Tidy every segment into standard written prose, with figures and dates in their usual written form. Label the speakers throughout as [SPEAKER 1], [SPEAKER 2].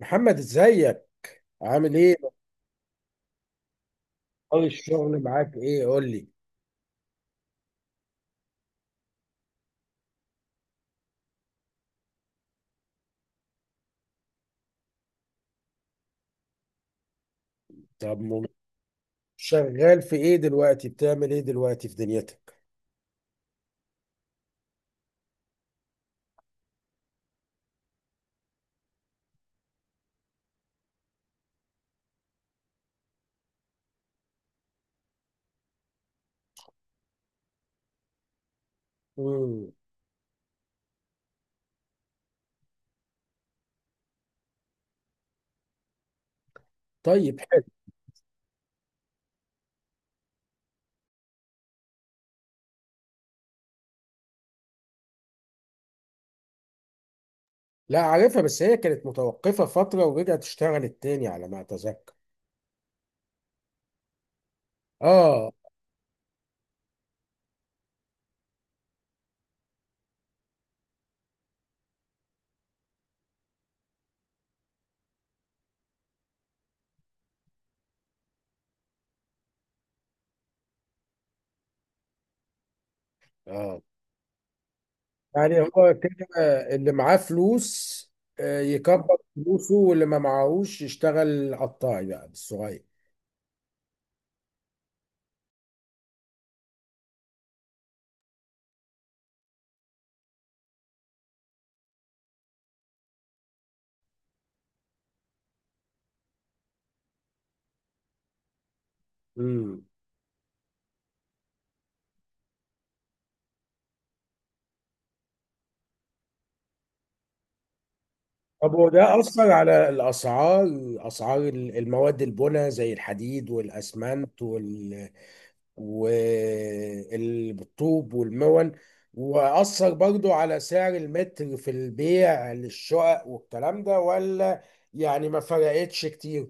[SPEAKER 1] محمد ازيك؟ عامل ايه؟ اخبار الشغل معاك ايه قول لي. طب م- شغال في ايه دلوقتي؟ بتعمل ايه دلوقتي في دنيتك؟ امم طيب، حلو. لا عارفها، بس هي كانت متوقفة فترة ورجعت اشتغلت تاني على ما اتذكر. اه. اه، يعني هو كده اللي معاه فلوس، يكبر فلوسه، واللي ما معاهوش يشتغل قطاعي بقى بالصغير. امم طب وده أثر على الأسعار؟ أسعار المواد البناء زي الحديد والأسمنت والطوب والمون، وأثر برضو على سعر المتر في البيع للشقق والكلام ده، ولا يعني ما فرقتش كتير؟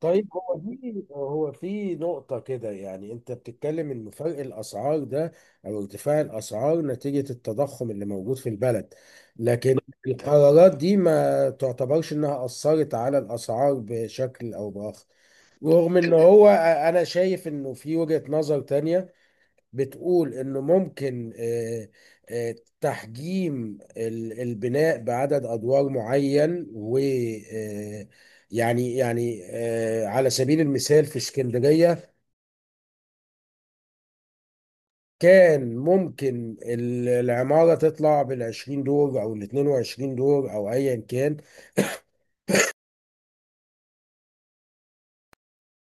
[SPEAKER 1] طيب، هو في نقطة كده، يعني أنت بتتكلم إن فرق الأسعار ده أو ارتفاع الأسعار نتيجة التضخم اللي موجود في البلد، لكن القرارات دي ما تعتبرش إنها أثرت على الأسعار بشكل أو بآخر؟ رغم إن هو، أنا شايف إنه في وجهة نظر تانية بتقول انه ممكن، آه، تحجيم البناء بعدد ادوار معين، و آه، يعني يعني على سبيل المثال في اسكندرية كان ممكن العمارة تطلع بالعشرين دور أو الاتنين وعشرين دور أو أيا كان،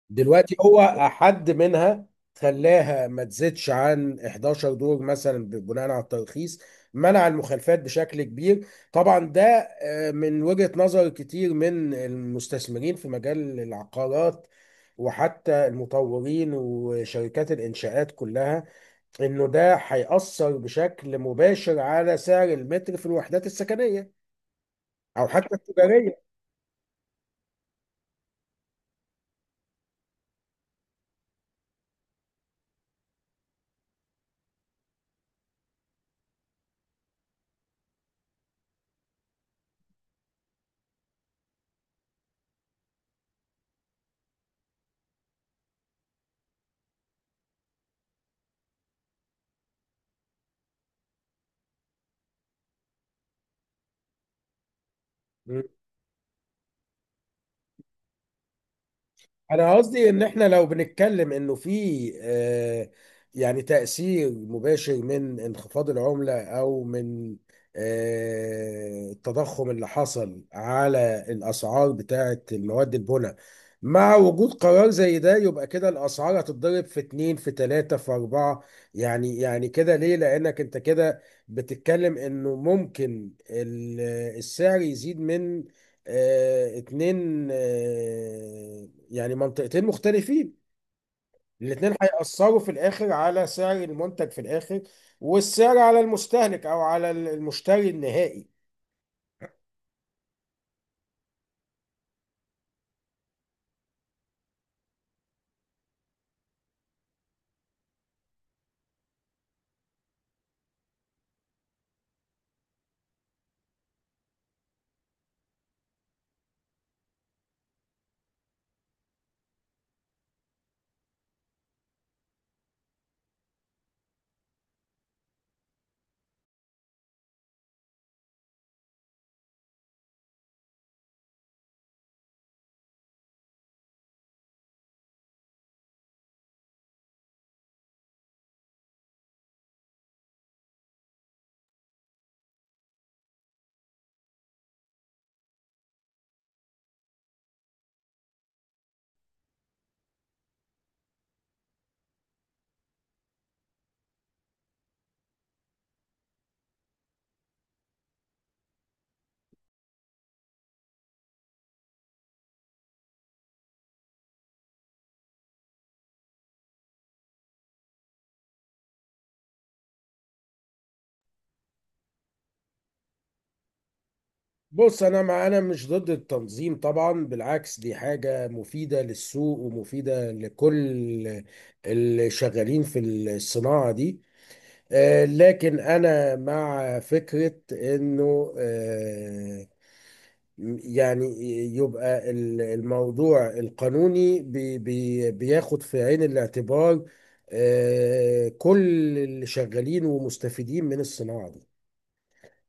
[SPEAKER 1] دلوقتي هو حد منها، خلاها ما تزيدش عن 11 دور مثلا بناء على الترخيص، منع المخالفات بشكل كبير. طبعا ده، من وجهة نظر كتير من المستثمرين في مجال العقارات وحتى المطورين وشركات الإنشاءات كلها، إنه ده هيأثر بشكل مباشر على سعر المتر في الوحدات السكنية أو حتى التجارية. انا قصدي ان احنا لو بنتكلم انه في، يعني تأثير مباشر من انخفاض العملة او من، التضخم اللي حصل على الاسعار بتاعة المواد البناء، مع وجود قرار زي ده، يبقى كده الاسعار هتتضرب في اتنين في تلاتة في اربعة. يعني كده ليه؟ لانك انت كده بتتكلم انه ممكن السعر يزيد من، اتنين، يعني منطقتين مختلفين، الاتنين هيأثروا في الآخر على سعر المنتج في الآخر، والسعر على المستهلك أو على المشتري النهائي. بص، أنا مش ضد التنظيم طبعا، بالعكس دي حاجة مفيدة للسوق ومفيدة لكل اللي شغالين في الصناعة دي. لكن أنا مع فكرة إنه يعني يبقى الموضوع القانوني بي بي بياخد في عين الاعتبار كل اللي شغالين ومستفيدين من الصناعة دي.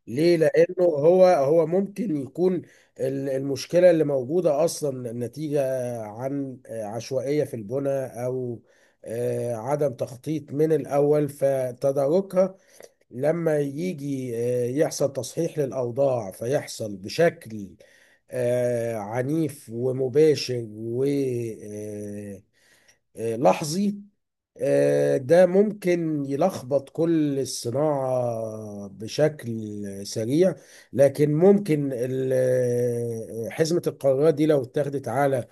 [SPEAKER 1] ليه؟ لأنه هو ممكن يكون المشكلة اللي موجودة أصلا نتيجة عن، عشوائية في البناء أو، عدم تخطيط من الأول، فتداركها لما يجي، يحصل تصحيح للأوضاع فيحصل بشكل، عنيف ومباشر ولحظي، ده ممكن يلخبط كل الصناعة بشكل سريع. لكن ممكن حزمة القرارات دي لو اتاخدت على،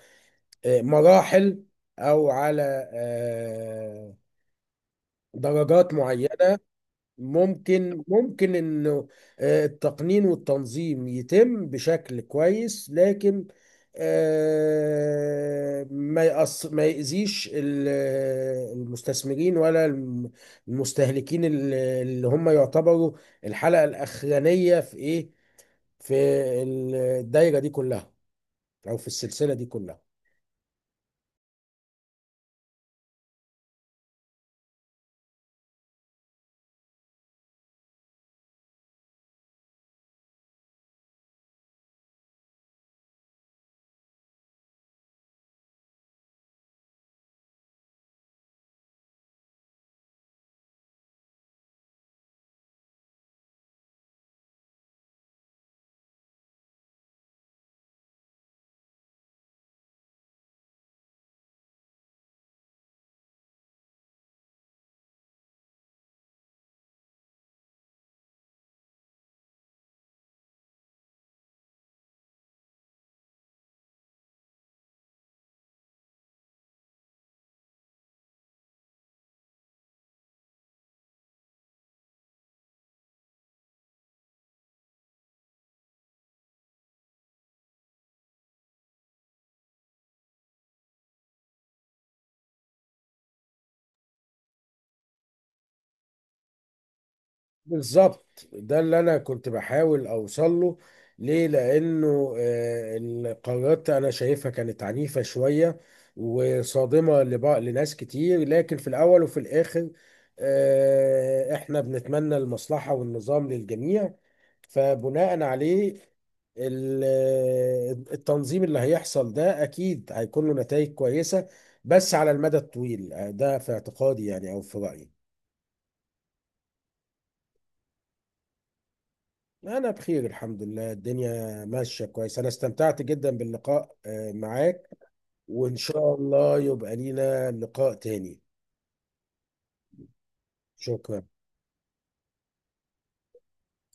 [SPEAKER 1] مراحل أو على، درجات معينة، ممكن انه، التقنين والتنظيم يتم بشكل كويس، لكن ما يأذيش المستثمرين ولا المستهلكين، اللي هم يعتبروا الحلقة الأخرانية في ايه، في الدايرة دي كلها أو في السلسلة دي كلها. بالظبط، ده اللي انا كنت بحاول اوصل له. ليه؟ لانه القرارات انا شايفها كانت عنيفة شوية وصادمة لناس كتير، لكن في الاول وفي الاخر احنا بنتمنى المصلحة والنظام للجميع. فبناء عليه، ال- التنظيم اللي هيحصل ده اكيد هيكون له نتائج كويسة، بس على المدى الطويل. ده في اعتقادي يعني، او في رأيي. أنا بخير الحمد لله، الدنيا ماشية كويس، أنا استمتعت جدا باللقاء معاك، وإن شاء الله يبقى لينا لقاء تاني. شكرا.